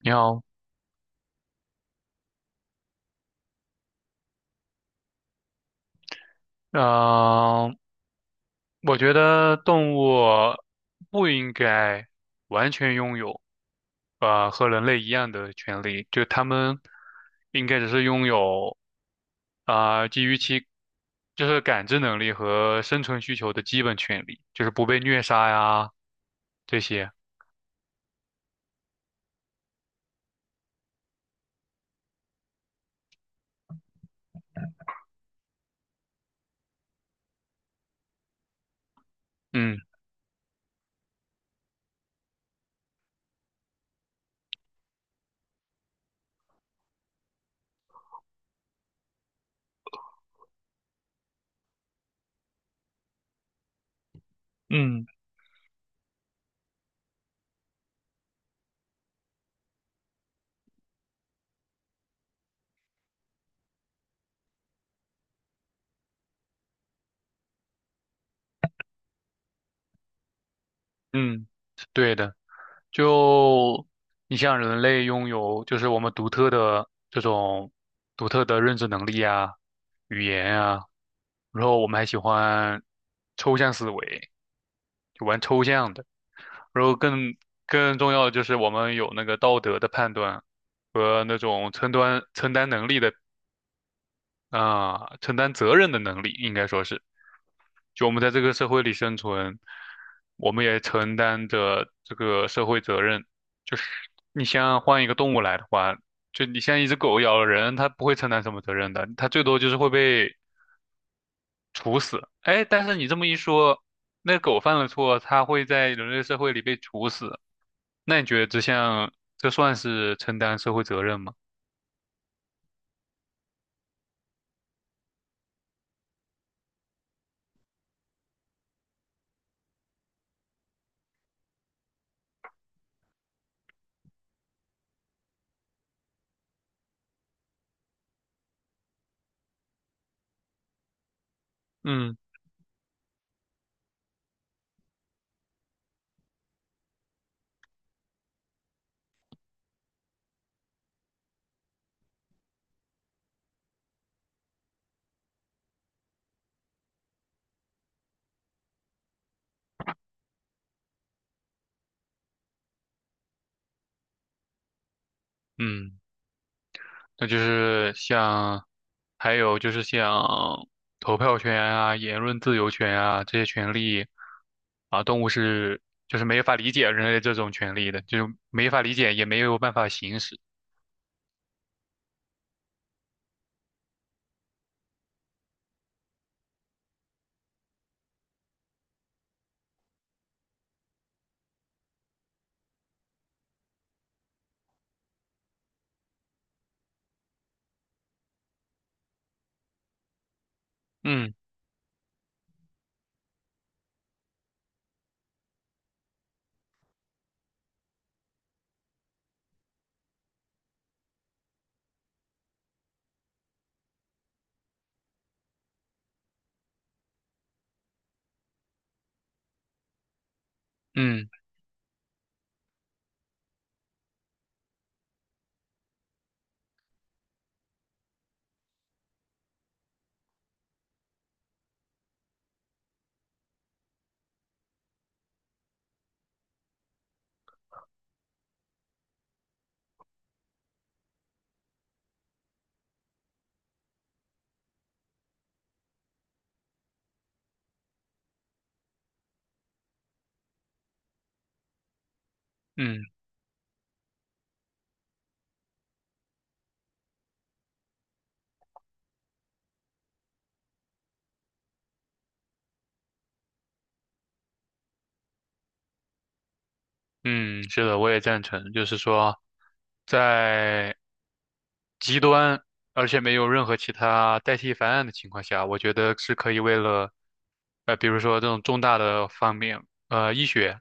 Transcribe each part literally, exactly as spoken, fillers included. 你好，呃，我觉得动物不应该完全拥有呃和人类一样的权利，就它们应该只是拥有啊、呃基于其就是感知能力和生存需求的基本权利，就是不被虐杀呀这些。嗯嗯嗯，对的。就你像人类拥有就是我们独特的这种独特的认知能力啊、语言啊，然后我们还喜欢抽象思维，就玩抽象的。然后更更重要的就是我们有那个道德的判断和那种承担承担能力的啊、承担责任的能力，应该说是，就我们在这个社会里生存，我们也承担着这个社会责任。就是你像换一个动物来的话，就你像一只狗咬了人，它不会承担什么责任的，它最多就是会被处死。哎，但是你这么一说，那狗犯了错，它会在人类社会里被处死，那你觉得这像这算是承担社会责任吗？嗯嗯。那就是像，还有就是像投票权啊、言论自由权啊这些权利啊，动物是就是没法理解人类这种权利的，就是没法理解，也没有办法行使。嗯嗯嗯嗯，是的，我也赞成，就是说，在极端而且没有任何其他代替方案的情况下，我觉得是可以为了，呃，比如说这种重大的方面。呃，医学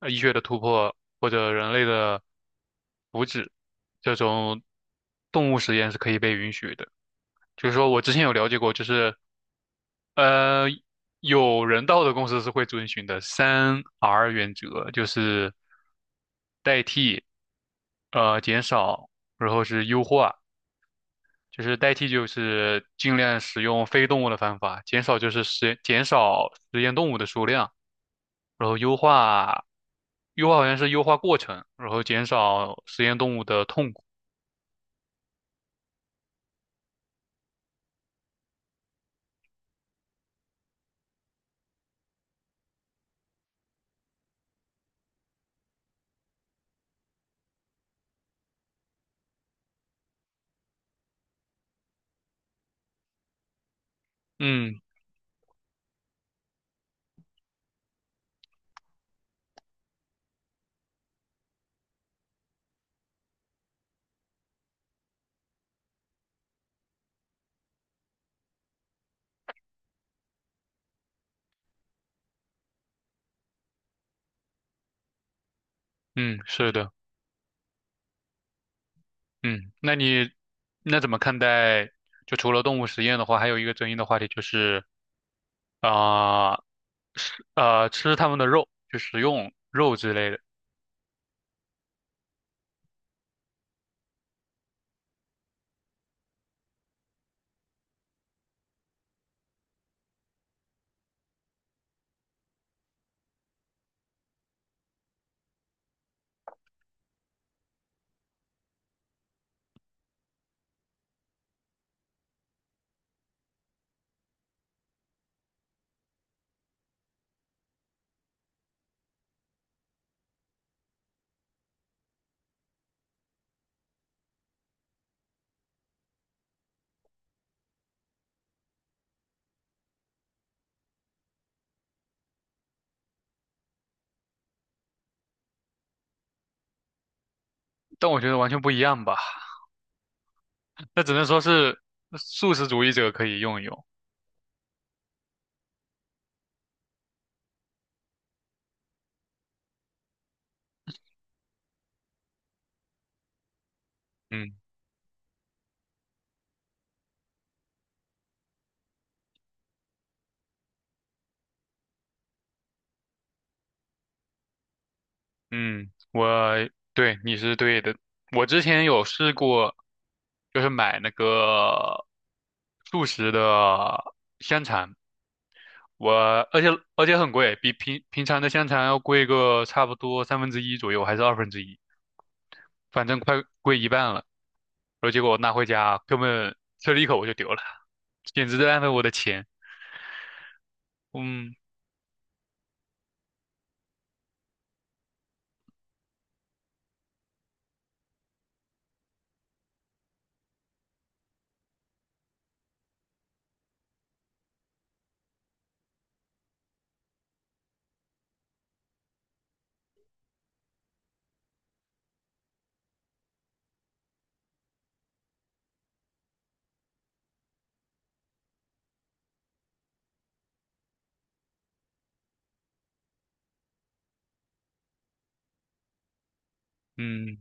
呃医学的突破或者人类的福祉，这种动物实验是可以被允许的。就是说我之前有了解过，就是呃，有人道的公司是会遵循的三 R 原则，就是代替、呃减少，然后是优化。就是代替就是尽量使用非动物的方法，减少就是实减少实验动物的数量，然后优化优化好像是优化过程，然后减少实验动物的痛苦。嗯嗯，是的，嗯，那你那怎么看待？就除了动物实验的话，还有一个争议的话题就是啊，吃呃吃它们的肉，就食用肉之类的。但我觉得完全不一样吧，那只能说是素食主义者可以用一用。嗯嗯，我对你是对的。我之前有试过，就是买那个素食的香肠。我而且而且很贵，比平平常的香肠要贵个差不多三分之一左右，还是二分之一，反正快贵一半了。然后结果我拿回家，根本吃了一口我就丢了，简直在浪费我的钱。嗯嗯，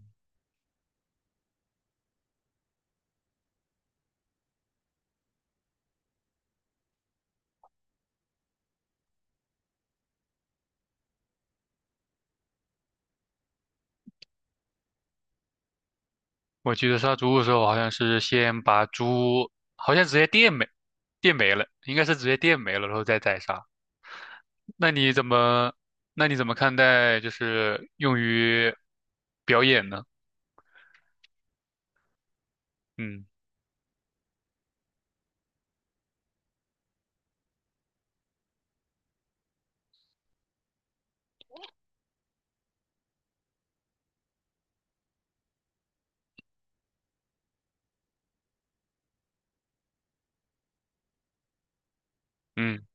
我记得杀猪的时候好像是先把猪，好像直接电没电没了，应该是直接电没了，然后再宰杀。那你怎么那你怎么看待就是用于表演呢？嗯嗯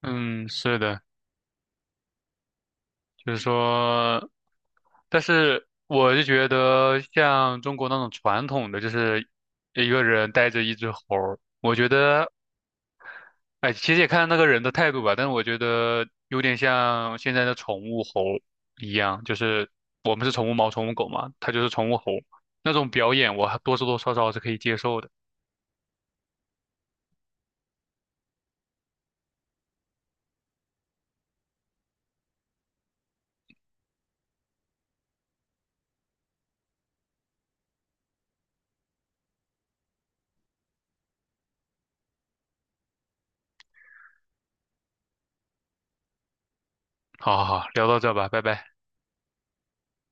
嗯，是的。就是说，但是我就觉得像中国那种传统的，就是一个人带着一只猴儿我觉得，哎，其实也看那个人的态度吧，但是我觉得有点像现在的宠物猴一样，就是我们是宠物猫、宠物狗嘛，它就是宠物猴，那种表演我还多多少少是可以接受的。好好好，聊到这吧，拜拜。